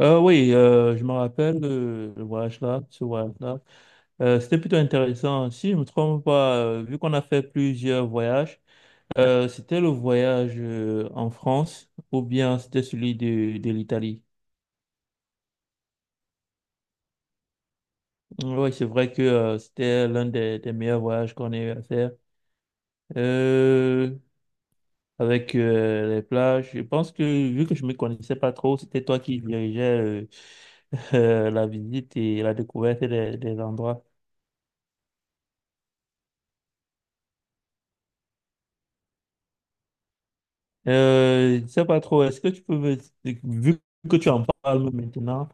Oui, je me rappelle de le voyage-là, ce voyage-là. C'était plutôt intéressant. Si je ne me trompe pas, vu qu'on a fait plusieurs voyages, c'était le voyage en France ou bien c'était celui de l'Italie. Oui, c'est vrai que c'était l'un des meilleurs voyages qu'on ait eu à faire. Euh, avec les plages, je pense que vu que je me connaissais pas trop, c'était toi qui dirigeais euh, la visite et la découverte des endroits. Je sais pas trop, est-ce que tu peux me... Vu que tu en parles maintenant,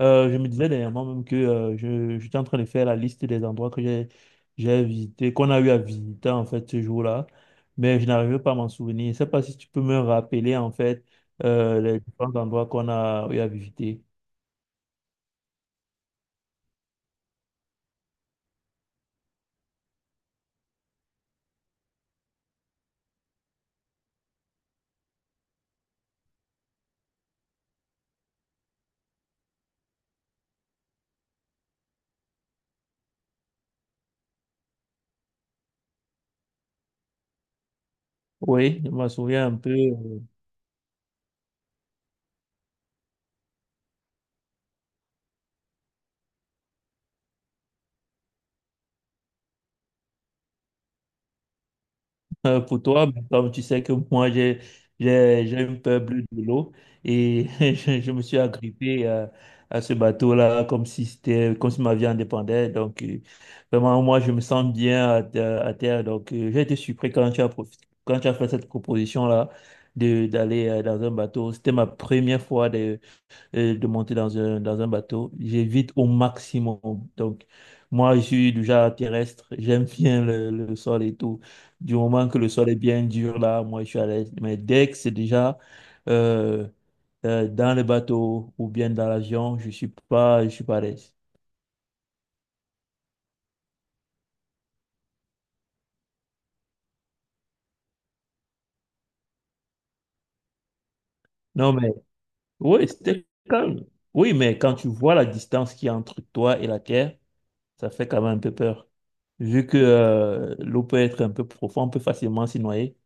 je me disais dernièrement même que j'étais en train de faire la liste des endroits que j'ai visité, qu'on a eu à visiter en fait ce jour-là, mais je n'arrivais pas à m'en souvenir. Je sais pas si tu peux me rappeler en fait les différents endroits qu'on a eu à visiter. Oui, je me souviens un peu. Pour toi, mais comme tu sais que moi, j'ai une peur bleue de l'eau et je me suis agrippé à ce bateau-là comme si c'était, comme si ma vie en dépendait. Donc, vraiment, moi, je me sens bien à terre. Donc, j'ai été surpris quand quand tu as fait cette proposition-là d'aller dans un bateau. C'était ma première fois et de monter dans un bateau. J'évite au maximum. Donc, moi, je suis du genre terrestre. J'aime bien le sol et tout. Du moment que le sol est bien dur, là, moi, je suis à l'aise. Mais dès que c'est déjà euh, dans le bateau ou bien dans l'avion, je suis pas à l'aise. Non, mais oui, c'était calme. Oui, mais quand tu vois la distance qu'il y a entre toi et la terre, ça fait quand même un peu peur. Vu que l'eau peut être un peu profonde, on peut facilement s'y noyer.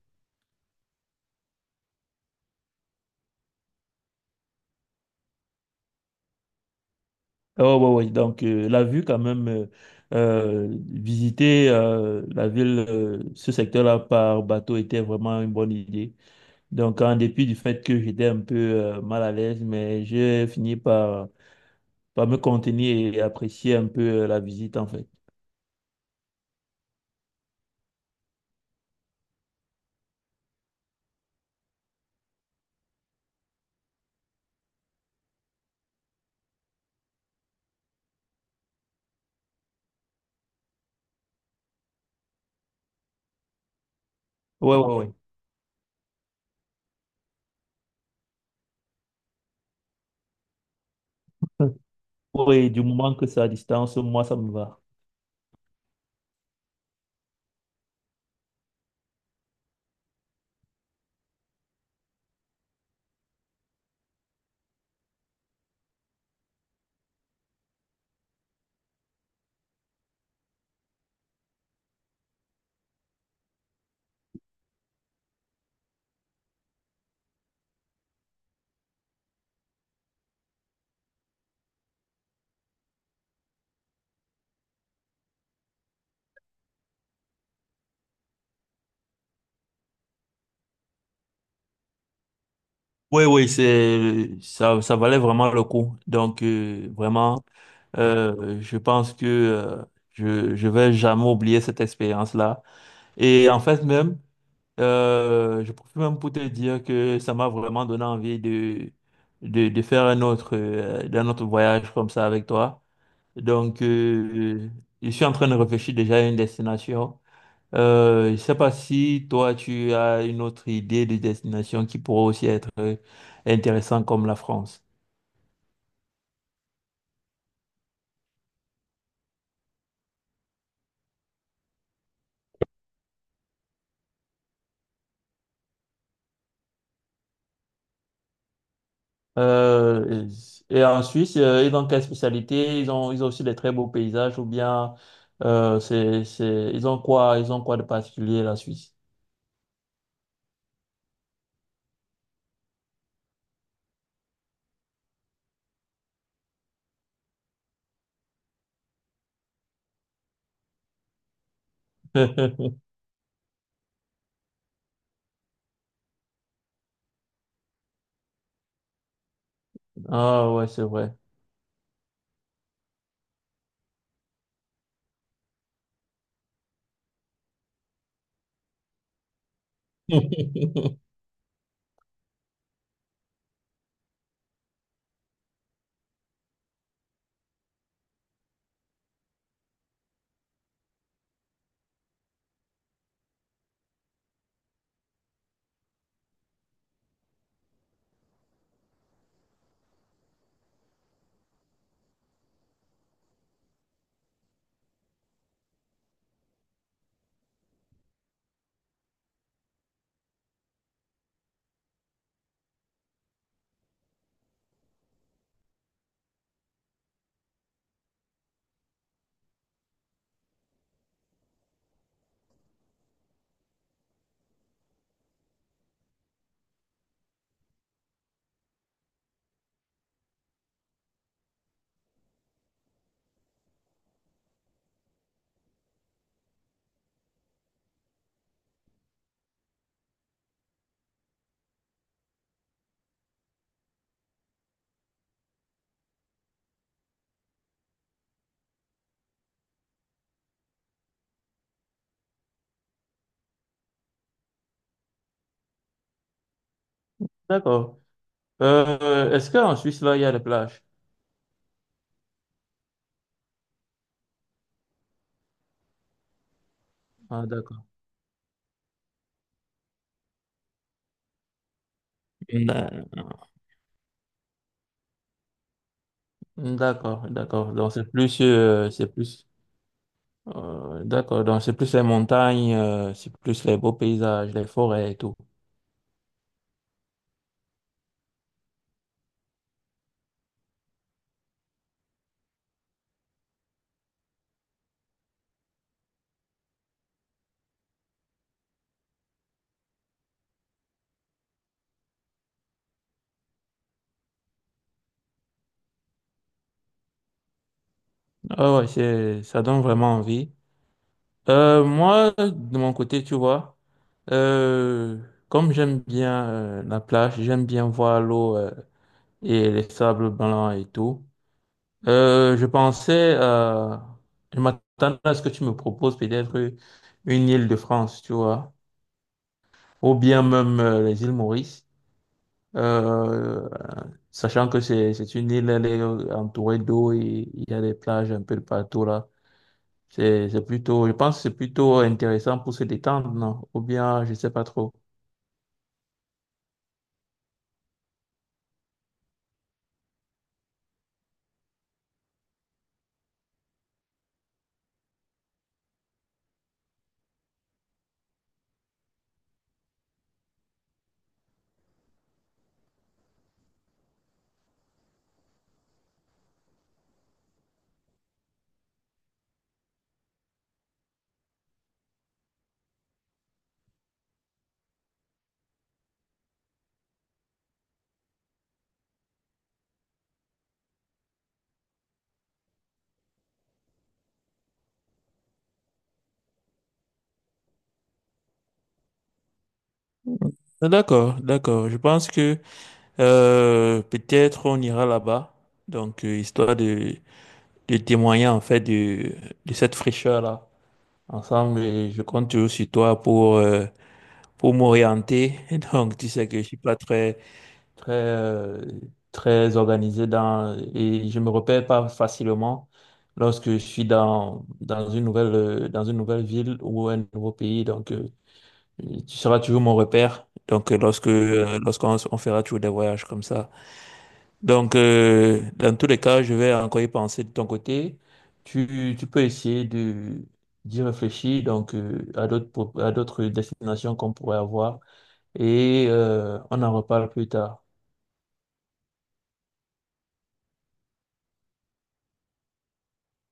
Oh, ouais, ouais. Donc, la vue, quand même, visiter la ville, ce secteur-là par bateau était vraiment une bonne idée. Donc, en dépit du fait que j'étais un peu mal à l'aise, mais j'ai fini par me contenir et apprécier un peu la visite, en fait. Ouais, ouais, ouais. Oui, du moment que c'est à distance, moi, ça me va. Oui, oui, c'est, ça valait vraiment le coup. Donc, vraiment. Je pense que je vais jamais oublier cette expérience-là. Et en fait même, je profite même pour te dire que ça m'a vraiment donné envie de faire un autre d'un autre voyage comme ça avec toi. Donc je suis en train de réfléchir déjà à une destination. Je sais pas si toi tu as une autre idée de destination qui pourrait aussi être intéressante comme la France. Euh, et en Suisse, ils ont quelle spécialité? Ils ont aussi des très beaux paysages ou bien ils ont quoi de particulier, la Suisse? Ah ouais, c'est vrai. D'accord. Est-ce qu'en Suisse, là, il y a des plages? Ah, d'accord. Non. D'accord, d'accord. Donc c'est plus, d'accord. Donc c'est plus les montagnes, c'est plus les beaux paysages, les forêts et tout. Ah ouais, c'est, ça donne vraiment envie. Moi, de mon côté, tu vois, euh, comme j'aime bien la plage, j'aime bien voir l'eau et les sables blancs et tout, euh, je pensais, euh, je m'attendais à ce que tu me proposes peut-être une île de France, tu vois, ou bien même les îles Maurice, euh, sachant que c'est une île, elle est entourée d'eau et il y a des plages un peu de partout là. C'est plutôt, je pense que c'est plutôt intéressant pour se détendre, non? Ou bien, je sais pas trop. Ah, d'accord, d'accord. Je pense que peut-être on ira là-bas, histoire de témoigner en fait de cette fraîcheur-là ensemble. Et je compte toujours sur toi pour m'orienter. Donc tu sais que je suis pas très très, euh, très organisé et je me repère pas facilement lorsque je suis dans une dans une nouvelle ville ou un nouveau pays. Donc, tu seras toujours mon repère. Donc, lorsqu'on on fera toujours des voyages comme ça. Donc, dans tous les cas, je vais encore y penser de ton côté. Tu peux essayer d'y réfléchir, donc, à d'autres, à d'autres destinations qu'on pourrait avoir et, on en reparle plus tard.